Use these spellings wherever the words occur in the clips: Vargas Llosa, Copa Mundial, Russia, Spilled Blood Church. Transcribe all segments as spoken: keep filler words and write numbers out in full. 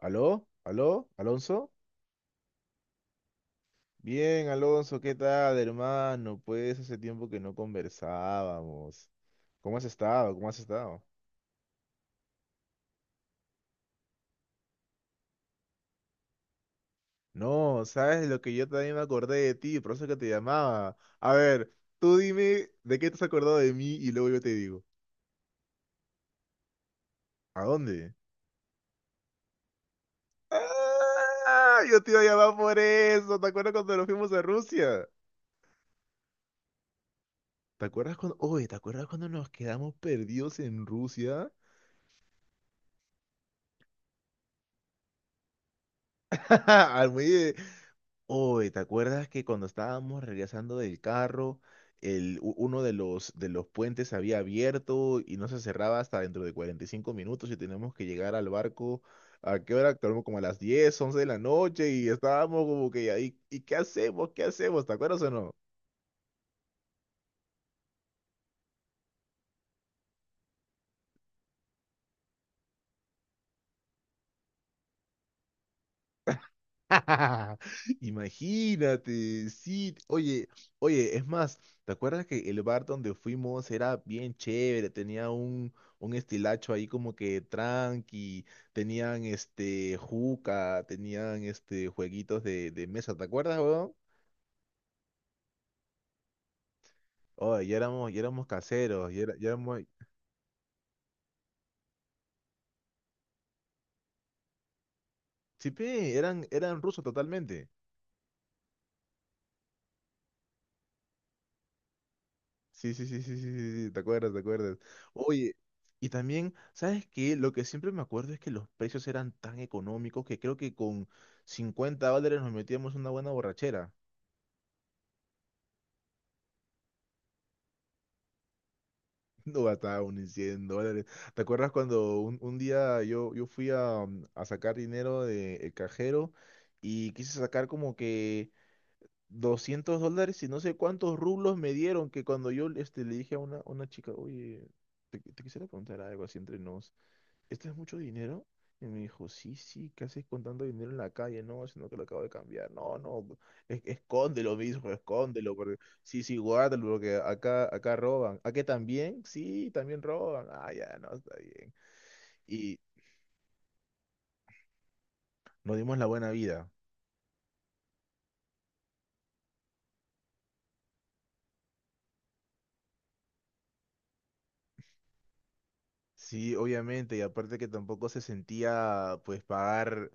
¿Aló? ¿Aló? ¿Alonso? Bien, Alonso, ¿qué tal, hermano? Pues hace tiempo que no conversábamos. ¿Cómo has estado? ¿Cómo has estado? No, sabes lo que yo también me acordé de ti, por eso que te llamaba. A ver, tú dime de qué te has acordado de mí y luego yo te digo. ¿A dónde? ¡Ah! Yo te iba a llamar por eso. ¿Te acuerdas cuando nos fuimos a Rusia? ¿Te acuerdas cuando, oye, ¿te acuerdas cuando nos quedamos perdidos en Rusia? Al muelle. Oye, ¿te acuerdas que cuando estábamos regresando del carro, el, u- uno de los, de los puentes había abierto y no se cerraba hasta dentro de cuarenta y cinco minutos y teníamos que llegar al barco a qué hora? Como, como a las diez, once de la noche y estábamos como que ahí, ¿y qué hacemos? ¿Qué hacemos? ¿Te acuerdas o no? Imagínate, sí. Oye, oye, es más, ¿te acuerdas que el bar donde fuimos era bien chévere? Tenía un, un estilacho ahí como que tranqui, tenían este juca, tenían este jueguitos de, de mesa, ¿te acuerdas, weón? Oye, ya éramos, ya éramos caseros, ya, era- ya éramos. Sí, pe, eran, eran rusos totalmente. Sí, sí, sí, sí, sí, sí, sí, te acuerdas, te acuerdas. Oye, y también, ¿sabes qué? Lo que siempre me acuerdo es que los precios eran tan económicos que creo que con cincuenta dólares nos metíamos una buena borrachera. No gastaba ni cien dólares. ¿Te acuerdas cuando un, un día yo, yo fui a, um, a sacar dinero del cajero y quise sacar como que doscientos dólares y no sé cuántos rublos me dieron que cuando yo este, le dije a una, una chica, oye, te, te quisiera preguntar algo así entre nos. ¿Esto es mucho dinero? Y me dijo, sí, sí, ¿qué haces con tanto dinero en la calle? No, sino que lo acabo de cambiar. No, no, es- escóndelo, mismo, escóndelo. Porque. Sí, sí, guárdalo, porque acá, acá roban. ¿A qué también? Sí, también roban. Ah, ya, no, está bien. Y nos dimos la buena vida. Sí, obviamente, y aparte que tampoco se sentía, pues, pagar,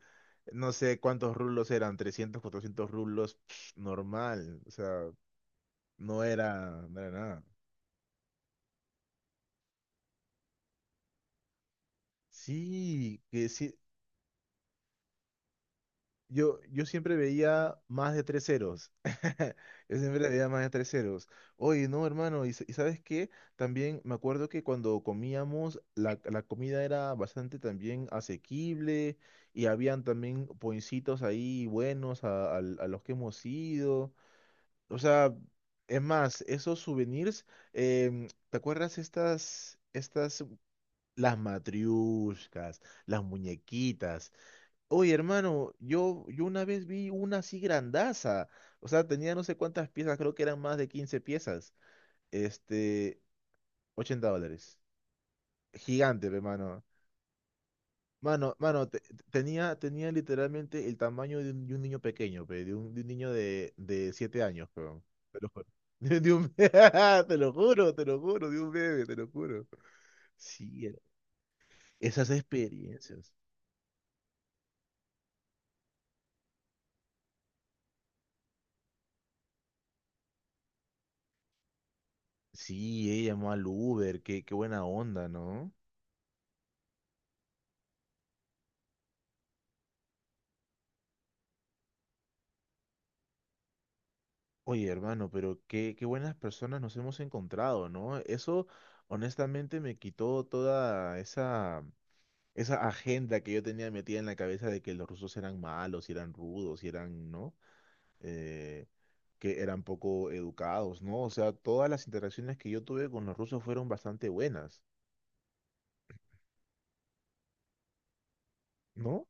no sé cuántos rublos eran, trescientos cuatrocientos rublos, psh, normal. O sea, no era, no era nada. Sí, que sí. Yo, yo siempre veía más de tres ceros. Yo siempre veía más de tres ceros. Oye, no, hermano, y, s- y ¿sabes qué? También me acuerdo que cuando comíamos, la, la comida era bastante también asequible y habían también poincitos ahí buenos a, al- a los que hemos ido. O sea, es más, esos souvenirs, em, ¿te acuerdas estas, estas, las matriushkas, las muñequitas? Oye, hermano, yo, yo una vez vi una así grandaza. O sea, tenía no sé cuántas piezas, creo que eran más de quince piezas. Este, ochenta dólares. Gigante, pe, mano. Mano, mano, te- te- tenía, tenía literalmente el tamaño de un, de un niño pequeño, pe, de un, de un niño de, de siete años, peón. Te lo juro. De un- Te lo juro, te lo juro, de un bebé, te lo juro. Sí, era- esas experiencias. Sí, ella llamó al Uber, qué, qué buena onda, ¿no? Oye, hermano, pero qué, qué buenas personas nos hemos encontrado, ¿no? Eso honestamente me quitó toda esa, esa agenda que yo tenía metida en la cabeza de que los rusos eran malos, y eran rudos, y eran, ¿no? Eh, que eran poco educados, ¿no? O sea, todas las interacciones que yo tuve con los rusos fueron bastante buenas, ¿no?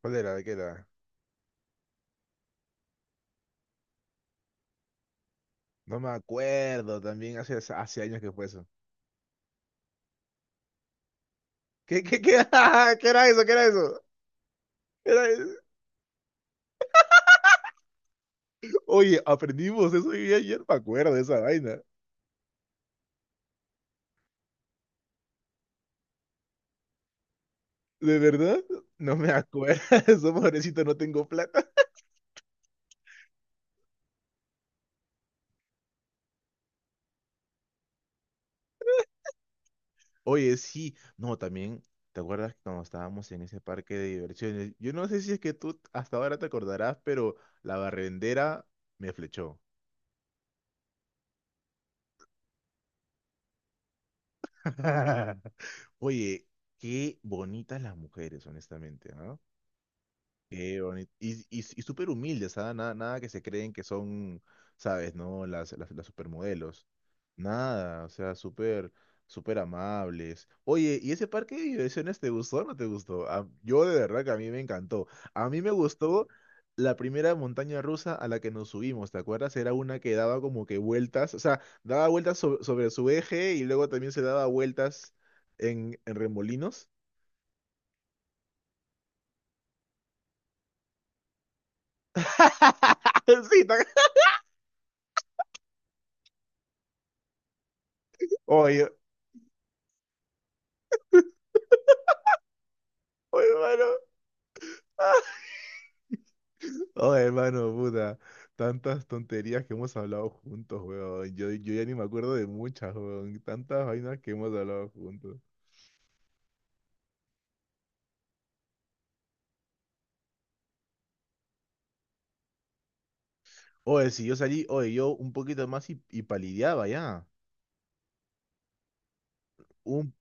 ¿Cuál era? ¿De qué era? No me acuerdo, también hace, hace años que fue eso. ¿Qué, qué, qué, qué era eso? ¿Qué era eso? ¿Qué era Oye, aprendimos eso y ayer me acuerdo de esa vaina. ¿De verdad? No me acuerdo. Eso, pobrecito, no tengo plata. Oye, sí. No, también, ¿te acuerdas cuando estábamos en ese parque de diversiones? Yo no sé si es que tú hasta ahora te acordarás, pero la barrendera me flechó. Oye, qué bonitas las mujeres, honestamente, ¿no? Qué bonito. Y, y, y súper humildes, ¿ah? Nada, nada que se creen que son, ¿sabes? ¿No? Las, las, las supermodelos. Nada, o sea, súper, súper amables. Oye, ¿y ese parque de diversiones te gustó o no te gustó? A- yo de verdad que a mí me encantó. A mí me gustó la primera montaña rusa a la que nos subimos, ¿te acuerdas? Era una que daba como que vueltas, o sea, daba vueltas sobre, sobre su eje y luego también se daba vueltas en, en remolinos. Sí. ¿Te Oye, Oye, hermano. Oh, hermano, puta. Tantas tonterías que hemos hablado juntos, weón. Yo, yo ya ni me acuerdo de muchas, weón. Tantas vainas que hemos hablado juntos. Oye, si yo salí, oye, yo un poquito más y, y palideaba ya. Un,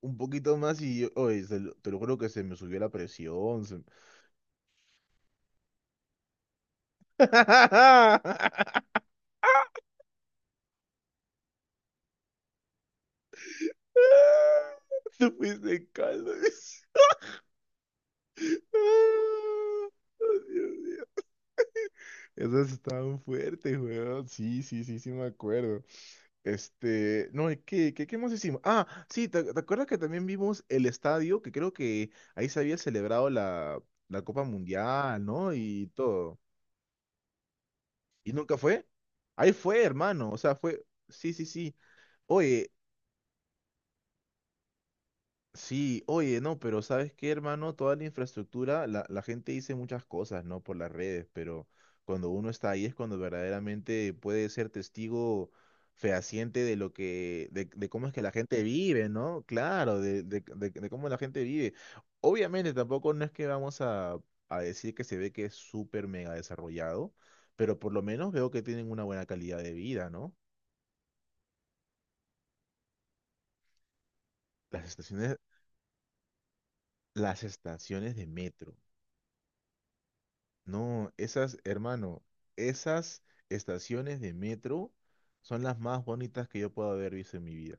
un poquito más y yo, oye, se lo- te lo juro que se me subió la presión. se- Tú fuiste caldo. Ah, Dios mío. Esas estaban fuertes, weón. Sí, sí, sí, sí, me acuerdo. Este, no, ¿y ¿qué, qué, qué más hicimos? Ah, sí, ¿te, te acuerdas que también vimos el estadio? Que creo que ahí se había celebrado la, la Copa Mundial, ¿no? Y todo. ¿Y nunca fue? Ahí fue, hermano. O sea, fue. Sí, sí, sí. Oye. Sí, oye, no, pero ¿sabes qué, hermano? Toda la infraestructura, la, la gente dice muchas cosas, ¿no? Por las redes, pero cuando uno está ahí es cuando verdaderamente puede ser testigo fehaciente de lo que, de, de cómo es que la gente vive, ¿no? Claro, de, de, de- de cómo la gente vive. Obviamente tampoco no es que vamos a, a decir que se ve que es súper mega desarrollado, pero por lo menos veo que tienen una buena calidad de vida, ¿no? Las estaciones, las estaciones de metro. No, esas, hermano, esas estaciones de metro son las más bonitas que yo puedo haber visto en mi vida.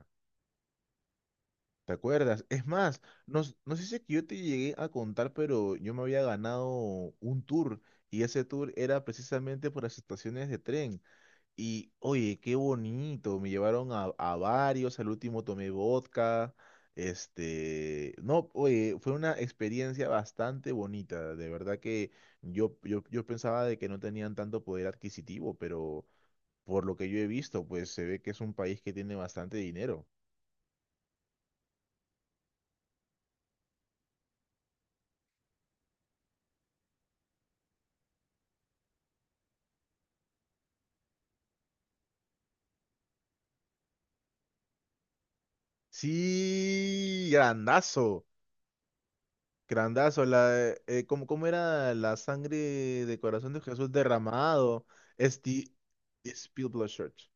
¿Te acuerdas? Es más, no, s- no sé si es que yo te llegué a contar, pero yo me había ganado un tour y ese tour era precisamente por las estaciones de tren. Y oye, qué bonito, me llevaron a, a varios, al último tomé vodka, este, no, oye, fue una experiencia bastante bonita, de verdad que yo, yo, yo pensaba de que no tenían tanto poder adquisitivo, pero por lo que yo he visto, pues se ve que es un país que tiene bastante dinero. Sí, grandazo, grandazo, la, eh, eh, ¿cómo, cómo era la sangre de corazón de Jesús derramado? Esti, Spill Blood Church.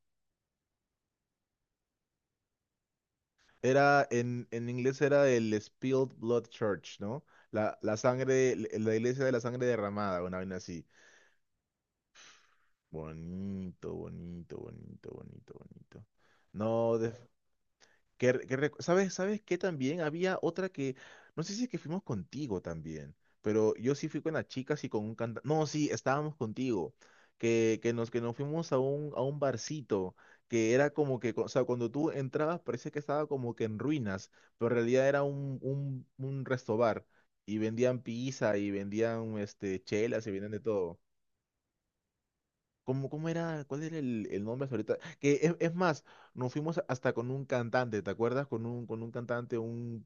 Era, en, en inglés era el Spilled Blood Church, ¿no? La, la sangre, la iglesia de la sangre derramada, una vaina así. Bonito, bonito, bonito, bonito, bonito. No, que, re- que re- ¿sabes, sabes que también había otra que, no sé si es que fuimos contigo también, pero yo sí fui con las chicas y con un cantante? No, sí, estábamos contigo. Que, que nos, que nos fuimos a un, a un barcito, que era como que, o sea, cuando tú entrabas parecía que estaba como que en ruinas, pero en realidad era un, un, un resto bar, y vendían pizza y vendían este, chelas y vendían de todo. ¿Cómo, cómo era? ¿Cuál era el, el nombre hasta ahorita? Que es, es más, nos fuimos hasta con un cantante, ¿te acuerdas? Con un, con un cantante, un,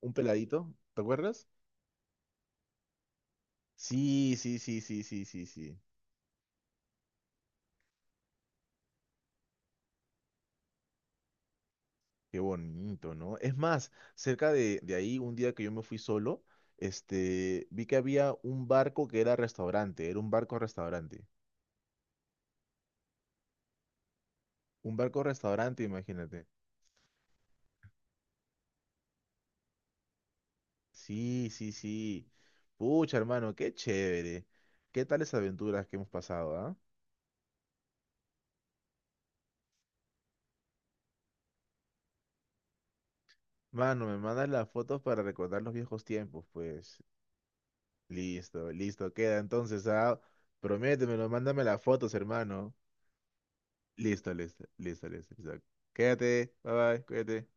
un peladito, ¿te acuerdas? Sí, sí, sí, sí, sí, sí, sí. Qué bonito, ¿no? Es más, cerca de, de ahí, un día que yo me fui solo, este, vi que había un barco que era restaurante, era un barco restaurante. Un barco restaurante, imagínate. Sí, sí, sí. Pucha, hermano, qué chévere. ¿Qué tales aventuras que hemos pasado, ah? Mano, me mandas las fotos para recordar los viejos tiempos, pues. Listo, listo, queda entonces, ah. Prométemelo, mándame las fotos, hermano. Listo, listo, listo, listo, listo. Quédate, bye bye, cuídate.